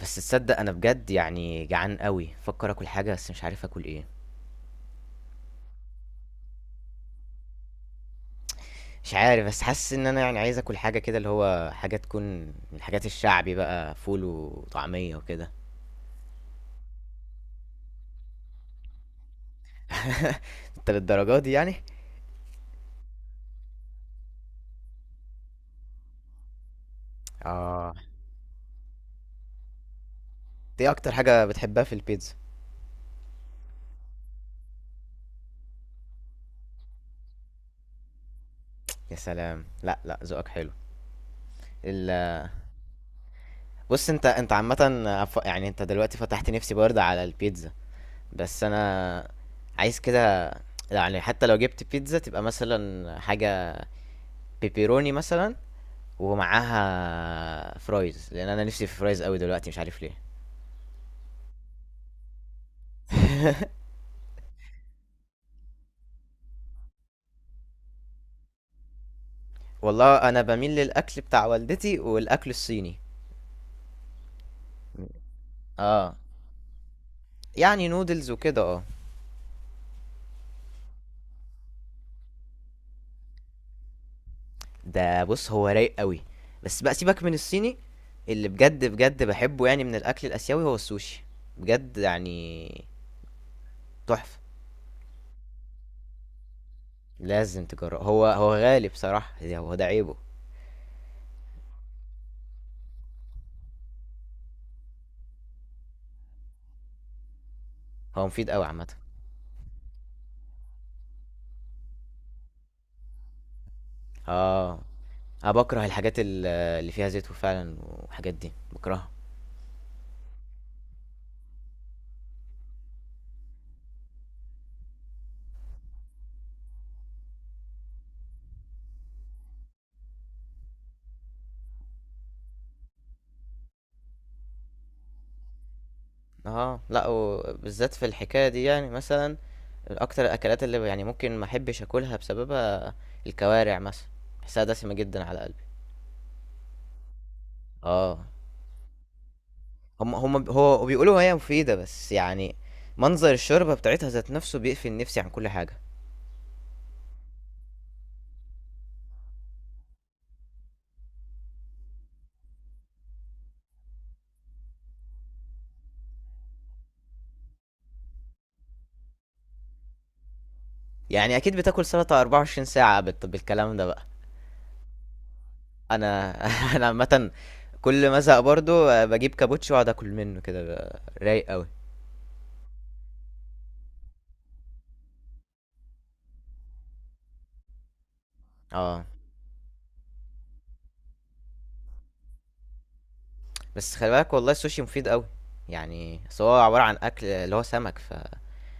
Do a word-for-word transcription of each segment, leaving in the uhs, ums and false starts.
بس تصدق أنا بجد يعني جعان أوي، بافكر آكل حاجة بس مش عارف آكل إيه. مش عارف بس حاسس إن أنا يعني عايز آكل حاجة كده اللي هو حاجة تكون من الحاجات الشعبي بقى، فول وطعمية وكده. أنت للدرجة دي يعني؟ آه. أنت إيه أكتر حاجة بتحبها في البيتزا؟ يا سلام، لأ لأ، ذوقك حلو. ال بُص، أنت أنت عامةً. ف يعني أنت دلوقتي فتحت نفسي برضه على البيتزا. بس أنا عايز كده، يعني حتى لو جبت بيتزا تبقى مثلًا حاجة بيبروني مثلًا، ومعاها فرايز، لان انا نفسي في فرايز قوي دلوقتي مش عارف ليه. والله انا بميل للاكل بتاع والدتي والاكل الصيني. اه، يعني نودلز وكده، اه. ده بص، هو رايق قوي، بس بقى سيبك من الصيني. اللي بجد بجد بحبه يعني من الاكل الاسيوي هو السوشي، بجد يعني تحفة. لازم تجربه، هو هو غالي بصراحة، ده- هو ده عيبه. هو مفيد قوي عامة. اه، انا بكره الحاجات ال- اللي فيها زيت، وفعلا وحاجات دي بكرهها. اه لا، وبالذات في الحكايه دي، يعني مثلا اكتر الاكلات اللي يعني ممكن ما احبش اكلها بسببها الكوارع مثلا. بحسها دسمه جدا على قلبي. اه، هم هم هو بيقولوا هي مفيده، بس يعني منظر الشوربه بتاعتها ذات نفسه بيقفل نفسي عن كل حاجه. يعني اكيد بتاكل سلطه أربعة وعشرين ساعه بت- بالكلام ده بقى. انا انا عامه كل ما ازهق برضو، آه، بجيب كابوتشي واقعد اكل منه كده، بقى رايق قوي. اه. بس خلي بالك، والله السوشي مفيد قوي، يعني أصل هو عبارة عن أكل اللي هو سمك. ف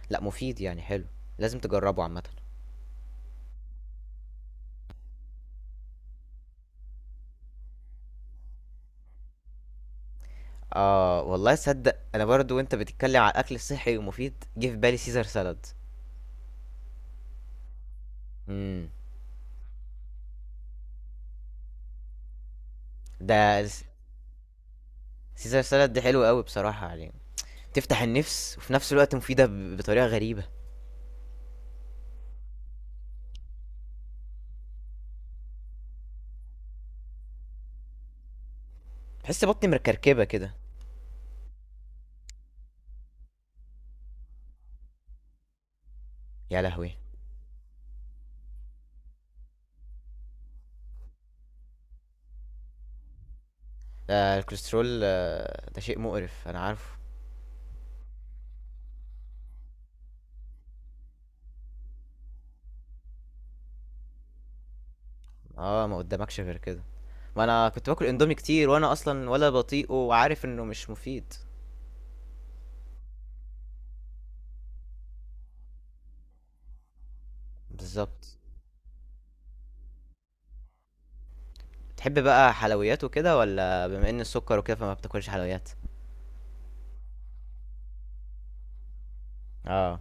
لا مفيد يعني حلو، لازم تجربه عامة. اه والله صدق، انا برضو وانت بتتكلم على الاكل الصحي ومفيد جه في بالي سيزر سالاد. امم. ده الس- سيزر سالاد ده حلو قوي بصراحة، يعني تفتح النفس وفي نفس الوقت مفيدة ب- بطريقة غريبة. بحس بطني مكركبة كده. يا لهوي، ده الكوليسترول، آه، ده شيء مقرف انا عارفه. اه، ما قدامكش غير كده، ما انا كنت باكل اندومي كتير، وانا اصلا ولا بطيقه وعارف انه مش مفيد. بالظبط. تحب بقى حلويات وكده، ولا بما ان السكر وكده فما بتاكلش حلويات؟ اه،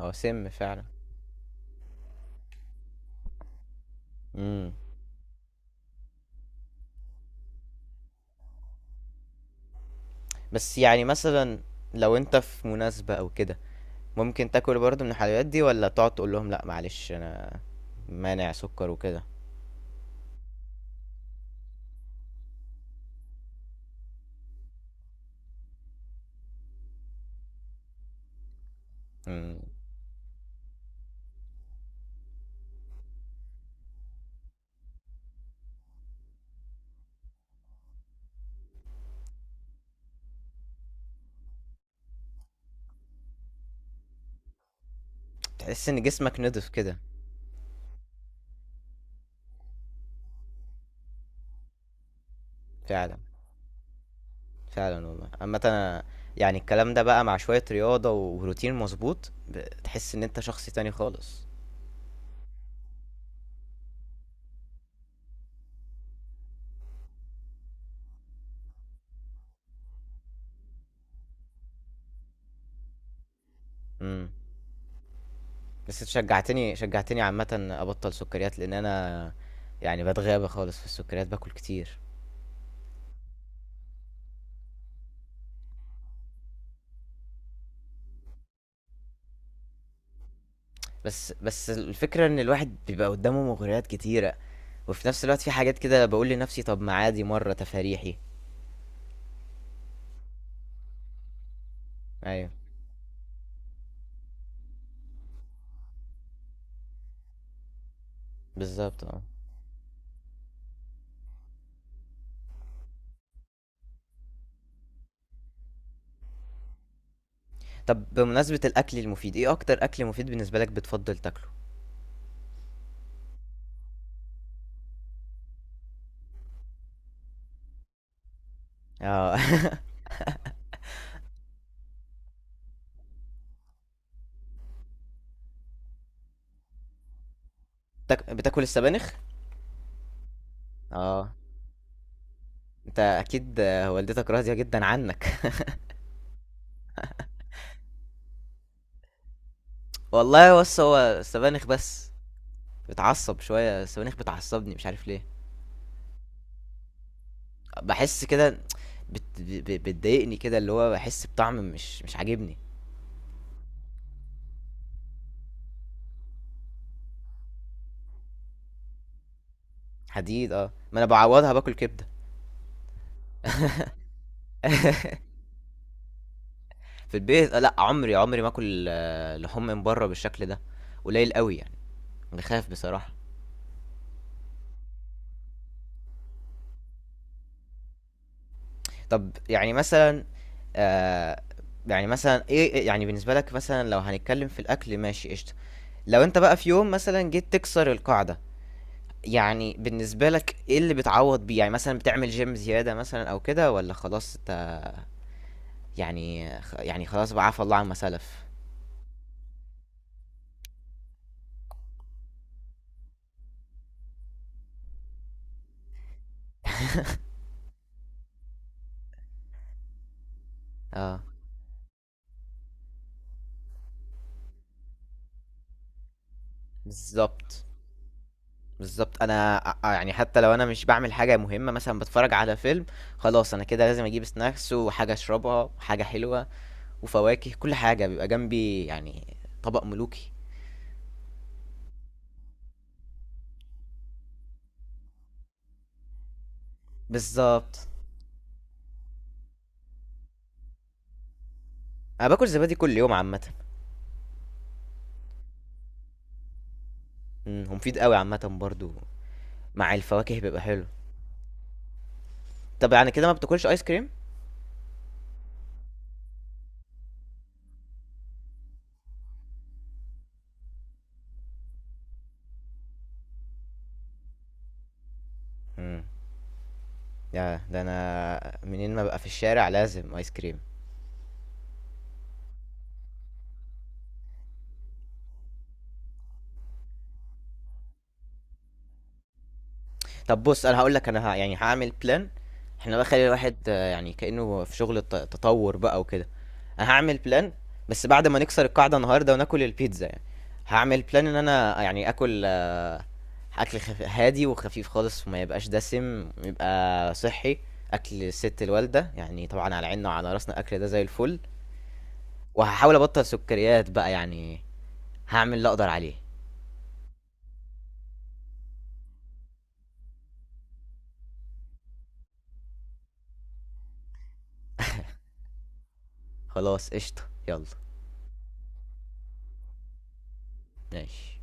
هو سم فعلا. امم. بس يعني مثلا لو انت في مناسبة او كده، ممكن تاكل برضه من الحلويات دي، ولا تقعد تقول لهم لا معلش انا مانع سكر وكده؟ امم. تحس ان جسمك نضف كده. فعلا فعلا، والله اما انا يعني الكلام ده بقى مع شوية رياضة وروتين مظبوط ب- تحس ان انت شخص تاني خالص. إمم. بس أنتِ شجّعتني شجّعتني عامةً أبطّل سُكّريات، لإن أنا يعني باتغابى خالص في السُكّريات، باكل كتير. بس بس الفكرة إن الواحد بيبقى قُدّامه مغريات كتيرة، وفي نفس الوقت في حاجات كده باقول لنفسي طَب ما عادي مرّة تفاريحي. أيوه. بالضبط آه. طَب بمناسبة الأكل المفيد، إيه أكتر أكل مفيد بالنسبة لك بتفضّل تاكله؟ آه. بتاك بتاكل السبانخ؟ آه. أنت أكيد، آه، والدتك راضية جدًا عنّك. والله بُص، هو السبانخ بس. بتعصب، شوية السبانخ بتعصبني مش عارف ليه. بحس كده، بت... ب- ب- بتضايقني كده، اللي هو بحس بطعم مش مش عاجبني. حديد، اه ما انا بعوضها باكل كبدة. في البيت، آه، لا عمري عمري ما اكل آه، لحوم من بره بالشكل ده، قليل قوي يعني، بخاف بصراحة. طب يعني مثلا، آه، يعني مثلا ايه إيه- يعني بالنسبة لك مثلا لو هنتكلم في الاكل، ماشي قشطة، لو انت بقى في يوم مثلا جيت تكسر القاعدة، يعني بالنسبة لك إيه اللي بتعوّض بيه؟ يعني مثلًا بتعمل gym زيادة مثلًا أو كده، والّا خلاص أنت يعني خ يعني خلاص بقى عفا الله عما سَلَف؟ آه. بالضبط، بالضبط. أنا أ يعني حتّى لو أنا مش باعمل حاجة مهمة، مثلًا باتفرّج على فيلم، خلاص أنا كده لازم أجيب snacks وحاجة أشربها وحاجة حلوة وفواكه، كل حاجة بيبقى جنبي، يعني طبق ملوكي. بالضبط. أنا باكل زبادي كل يوم عامةً. إمم، هو مفيد أوي عامةً برضه، مع الفواكه بيبقى حلو. طَب يعني كده ما بتاكلش ice cream؟ إمم. ده ده انا منين ما ببقى في الشارع لازم ايس كريم. طب بص انا هقول لك، انا ه... يعني هعمل بلان. احنا بقى خلي الواحد، آه، يعني كأنه في شغل الت- تطور بقى وكده. انا هعمل بلان، بس بعد ما نكسر القاعدة النهاردة وناكل البيتزا يعني. هعمل بلان ان انا يعني اكل، آه، اكل خف... هادي وخفيف خالص، وما يبقاش دسم يبقى صحي، اكل ست الوالدة يعني، طبعا على عيننا وعلى راسنا الاكل ده زي الفل. وهحاول ابطل سكريات بقى يعني، هعمل اللي اقدر عليه. خلاص قشطة، يلا. ماشي.